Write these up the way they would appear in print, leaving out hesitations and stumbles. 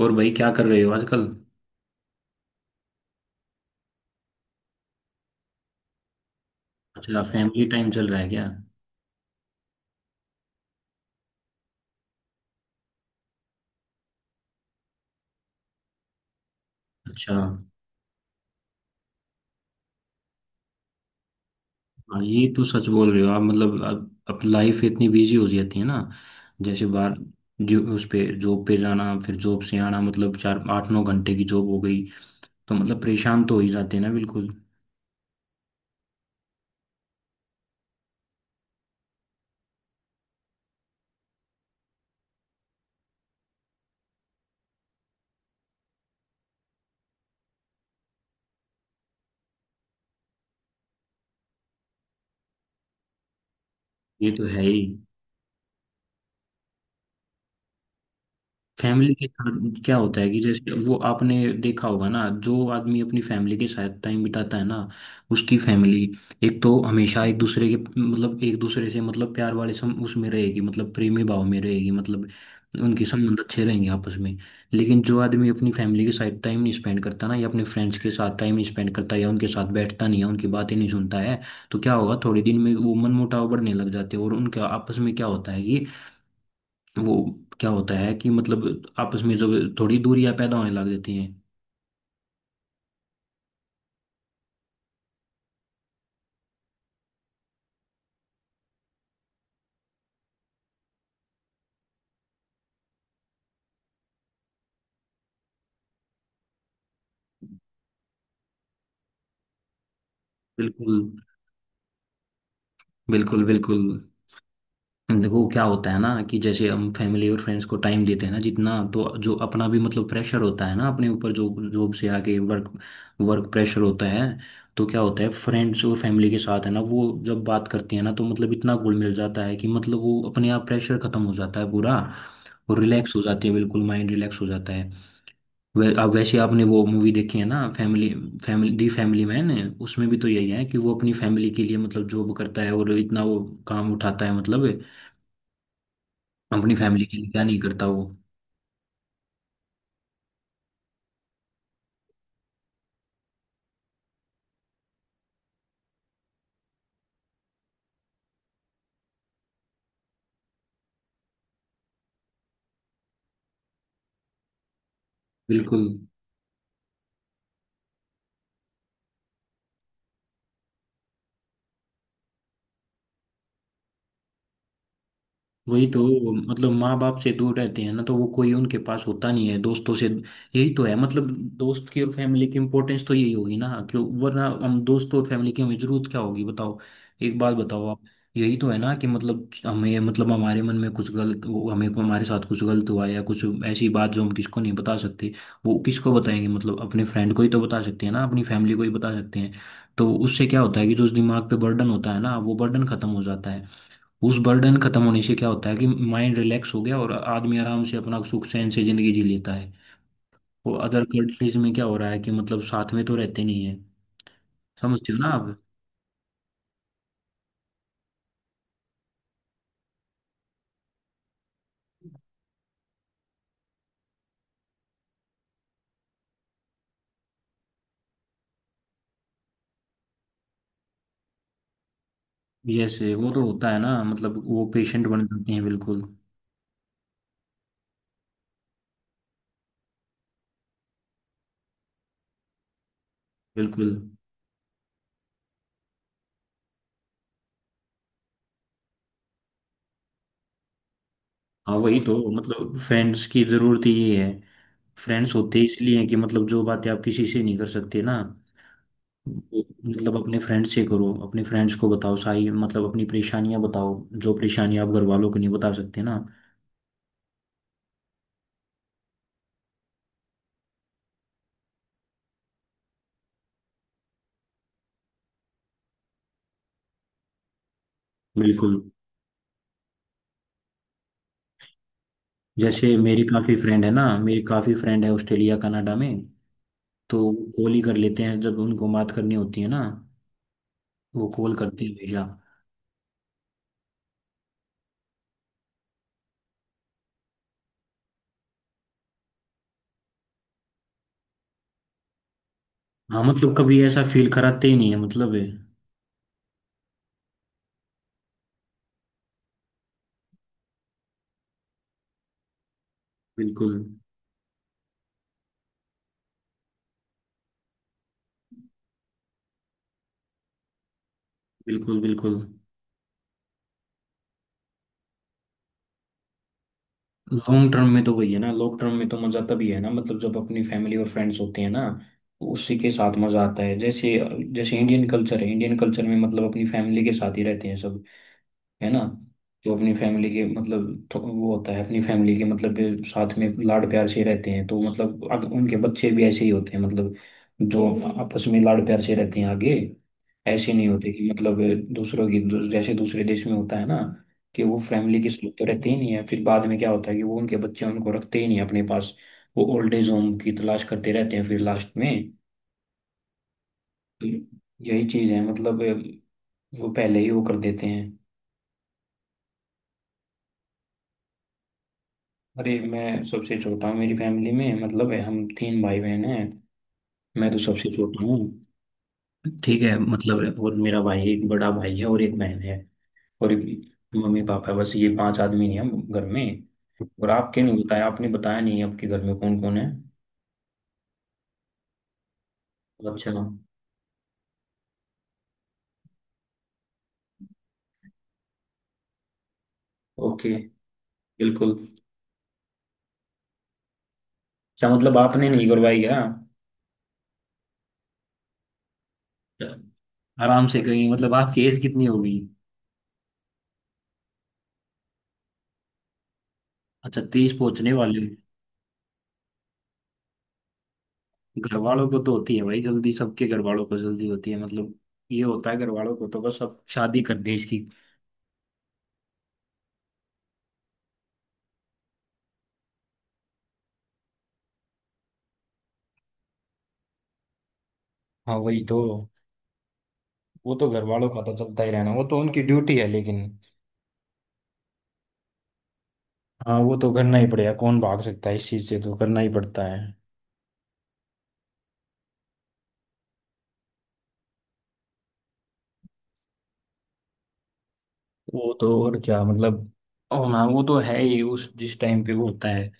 और भाई क्या कर रहे हो आजकल। अच्छा, फैमिली टाइम चल रहा है क्या। अच्छा। हाँ, ये तो सच बोल रहे हो आप। मतलब अब लाइफ इतनी बिजी हो जाती है ना। जैसे बाहर जो उस पे जॉब पे जाना, फिर जॉब से आना, मतलब 4, 8, 9 घंटे की जॉब हो गई, तो मतलब परेशान तो हो ही जाते हैं ना। बिल्कुल। ये तो है ही। फैमिली के साथ क्या होता है कि जैसे वो आपने देखा होगा ना, जो आदमी अपनी फैमिली के साथ टाइम बिताता है ना, उसकी फैमिली एक तो हमेशा एक दूसरे के मतलब एक दूसरे से मतलब प्यार वाले सम उसमें रहेगी, मतलब प्रेमी भाव में रहेगी, मतलब उनके संबंध अच्छे रहेंगे आपस में। लेकिन जो आदमी अपनी फैमिली के साथ टाइम नहीं स्पेंड करता ना, या अपने फ्रेंड्स के साथ टाइम नहीं स्पेंड करता, या उनके साथ बैठता नहीं है, उनकी बातें नहीं सुनता है, तो क्या होगा, थोड़े दिन में वो मनमुटाव बढ़ने लग जाते हैं, और उनका आपस में क्या होता है कि वो क्या होता है कि मतलब आपस में जो थोड़ी दूरियां पैदा होने लग जाती हैं। बिल्कुल, बिल्कुल, बिल्कुल। देखो क्या होता है ना, कि जैसे हम फैमिली और फ्रेंड्स को टाइम देते हैं ना जितना, तो जो अपना भी मतलब प्रेशर होता है ना अपने ऊपर, जो जॉब से आके वर्क वर्क प्रेशर होता है, तो क्या होता है फ्रेंड्स और फैमिली के साथ है ना वो जब बात करती है ना, तो मतलब इतना घुल मिल जाता है कि मतलब वो अपने आप प्रेशर खत्म हो जाता है पूरा, और रिलैक्स हो जाती है, बिल्कुल माइंड रिलैक्स हो जाता है। अब वैसे आपने वो मूवी देखी है ना, family family the family man. उसमें भी तो यही है कि वो अपनी फैमिली के लिए मतलब जॉब करता है, और इतना वो काम उठाता है, मतलब अपनी फैमिली के लिए क्या नहीं करता वो। बिल्कुल। वही तो, मतलब माँ बाप से दूर रहते हैं ना, तो वो कोई उनके पास होता नहीं है दोस्तों से। यही तो है, मतलब दोस्त की और फैमिली की इम्पोर्टेंस तो यही होगी ना, क्यों, वरना हम दोस्त और फैमिली की हमें जरूरत क्या होगी बताओ। एक बात बताओ आप। यही तो है ना कि मतलब हमें मतलब हमारे मन में कुछ गलत वो हमें हमारे साथ कुछ गलत हुआ या कुछ ऐसी बात जो हम किसको नहीं बता सकते, वो किसको बताएंगे, मतलब अपने फ्रेंड को ही तो बता सकते हैं ना, अपनी फैमिली को ही बता सकते हैं। तो उससे क्या होता है कि जो उस दिमाग पे बर्डन होता है ना, वो बर्डन खत्म हो जाता है। उस बर्डन खत्म होने से क्या होता है कि माइंड रिलैक्स हो गया, और आदमी आराम से अपना सुख चैन से जिंदगी जी लेता है। और अदर कंट्रीज में क्या हो रहा है कि मतलब साथ में तो रहते नहीं है। समझते हो ना आप। जैसे वो तो होता है ना, मतलब वो पेशेंट बन जाते हैं बिल्कुल। बिल्कुल। हाँ वही तो, मतलब फ्रेंड्स की जरूरत ही ये है। फ्रेंड्स होते इसलिए हैं कि मतलब जो बातें आप किसी से नहीं कर सकते ना, वो मतलब अपने फ्रेंड्स से करो, अपने फ्रेंड्स को बताओ सारी, मतलब अपनी परेशानियां बताओ, जो परेशानियां आप घर वालों को नहीं बता सकते ना। बिल्कुल। जैसे मेरी काफ़ी फ्रेंड है ना, मेरी काफ़ी फ्रेंड है ऑस्ट्रेलिया कनाडा में, तो कॉल ही कर लेते हैं जब उनको बात करनी होती है ना, वो कॉल करते हैं हमेशा। हाँ, मतलब कभी ऐसा फील कराते ही नहीं है मतलब है। बिल्कुल, बिल्कुल, बिल्कुल। लॉन्ग टर्म में तो वही है ना, लॉन्ग टर्म में तो मज़ा तभी है ना मतलब जब अपनी फैमिली और फ्रेंड्स होते हैं ना, तो उसी के साथ मज़ा आता है। जैसे, जैसे इंडियन कल्चर है, इंडियन कल्चर में मतलब अपनी फैमिली के साथ ही रहते हैं सब, है ना। जो अपनी फैमिली के मतलब, तो वो होता है अपनी फैमिली के मतलब साथ में लाड प्यार से रहते हैं, तो मतलब अब उनके बच्चे भी ऐसे ही होते हैं, मतलब जो आपस में लाड प्यार से रहते हैं आगे। ऐसे नहीं होते कि मतलब जैसे दूसरे देश में होता है ना कि वो फैमिली के साथ तो रहते ही नहीं है, फिर बाद में क्या होता है कि वो उनके बच्चे उनको रखते ही नहीं अपने पास, वो ओल्ड एज होम की तलाश करते रहते हैं फिर लास्ट में। तो यही चीज है मतलब, वो पहले ही वो कर देते हैं। अरे मैं सबसे छोटा हूँ मेरी फैमिली में, मतलब है, हम तीन भाई बहन हैं। मैं तो सबसे छोटा हूँ। ठीक है मतलब, और मेरा भाई एक बड़ा भाई है, और एक बहन है, और मम्मी पापा, बस ये पांच आदमी हैं हम घर में। और आपके नहीं बताया, आपने बताया नहीं आपके घर में कौन कौन है। अच्छा। ओके, बिल्कुल। अच्छा, मतलब आपने नहीं करवाई क्या। आराम से कहीं, मतलब आपकी एज कितनी होगी। अच्छा, 30 पहुंचने वाले हो। घर वालों को तो होती है भाई जल्दी, सबके घर वालों को जल्दी होती है, मतलब ये होता है घर वालों को तो बस अब शादी कर दी इसकी। हाँ वही तो, वो तो घर वालों का तो चलता ही रहना, वो तो उनकी ड्यूटी है लेकिन। हाँ, वो तो करना ही पड़ेगा, कौन भाग सकता है इस चीज से, तो करना ही पड़ता है। वो तो और क्या मतलब, और हाँ वो तो है ही, उस जिस टाइम पे वो होता है।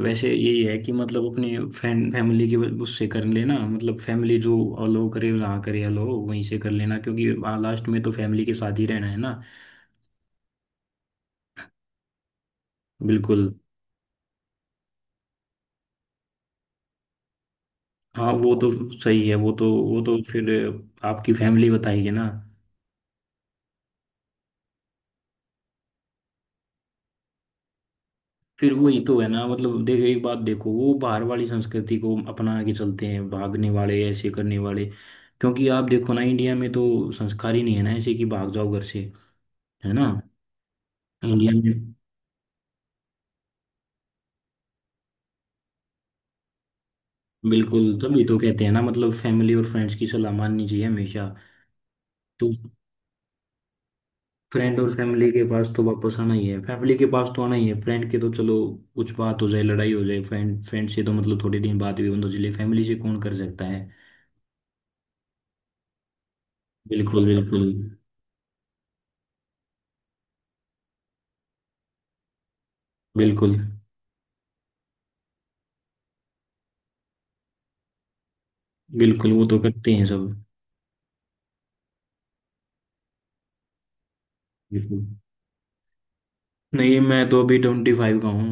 वैसे यही है कि मतलब अपने फैन फैमिली की वजह- उससे कर लेना, मतलब फैमिली जो अलो करे जहाँ करे अलो वहीं से कर लेना, क्योंकि हाँ, लास्ट में तो फैमिली के साथ ही रहना है ना। बिल्कुल। हाँ, वो तो सही है, वो तो फिर आपकी फैमिली बताएगी ना। फिर वही तो है ना, मतलब देखो एक बात देखो, वो बाहर वाली संस्कृति को अपना के चलते हैं भागने वाले, ऐसे करने वाले, क्योंकि आप देखो ना इंडिया में तो संस्कार ही नहीं है ना ऐसे कि भाग जाओ घर से, है ना। इंडिया में बिल्कुल, तभी तो कहते हैं ना, मतलब फैमिली और फ्रेंड्स की सलाह माननी चाहिए हमेशा। तो फ्रेंड और फैमिली के पास तो वापस आना ही है, फैमिली के पास तो आना ही है, फ्रेंड के तो चलो कुछ बात हो जाए, लड़ाई हो जाए फ्रेंड फ्रेंड से तो मतलब थोड़े दिन बाद भी बंद चले, फैमिली से कौन कर सकता है। बिल्कुल, बिल्कुल। बिल्कुल, बिल्कुल, वो तो करते हैं सब। बिल्कुल। नहीं, मैं तो अभी 25 का हूँ।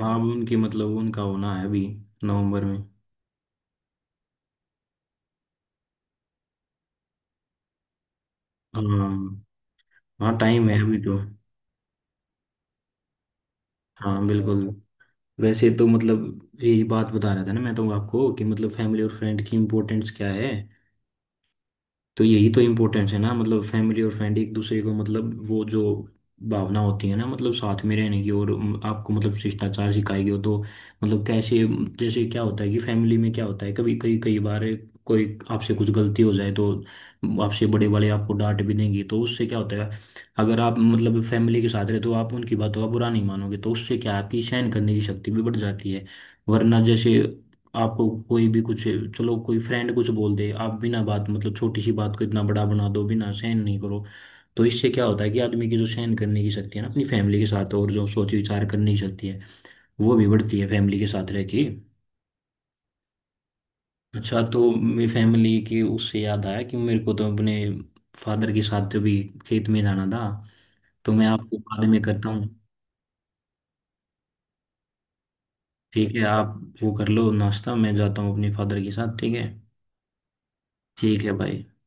हाँ, उनकी मतलब उनका होना है अभी नवंबर में। हाँ, हाँ टाइम है अभी तो। हाँ बिल्कुल। वैसे तो मतलब यही बात बता रहा था ना मैं तो आपको कि मतलब फैमिली और फ्रेंड की इम्पोर्टेंस क्या है, तो यही तो इम्पोर्टेंस है ना, मतलब फैमिली और फ्रेंड एक दूसरे को, मतलब वो जो भावना होती है ना, मतलब साथ में रहने की, और आपको मतलब शिष्टाचार सिखाई गई हो तो मतलब कैसे, जैसे क्या होता है कि फैमिली में क्या होता है, कभी कई कई बार कोई आपसे कुछ गलती हो जाए तो आपसे बड़े वाले आपको डांट भी देंगे, तो उससे क्या होता है, अगर आप मतलब फैमिली के साथ रहे तो आप उनकी बातों का बुरा नहीं मानोगे, तो उससे क्या है, आपकी सहन करने की शक्ति भी बढ़ जाती है। वरना जैसे आपको कोई भी कुछ, चलो कोई फ्रेंड कुछ बोल दे, आप बिना बात मतलब छोटी सी बात को इतना बड़ा बना दो, बिना सहन नहीं करो, तो इससे क्या होता है कि आदमी की जो सहन करने की शक्ति है ना अपनी फैमिली के साथ, और जो सोच विचार करने की शक्ति है, वो भी बढ़ती है फैमिली के साथ रह के। अच्छा, तो मेरी फैमिली की उससे याद आया कि मेरे को तो अपने फादर के साथ भी खेत में जाना था, तो मैं आपको बाद में करता हूँ। ठीक है, आप वो कर लो नाश्ता, मैं जाता हूँ अपने फादर के साथ, ठीक है। ठीक है भाई।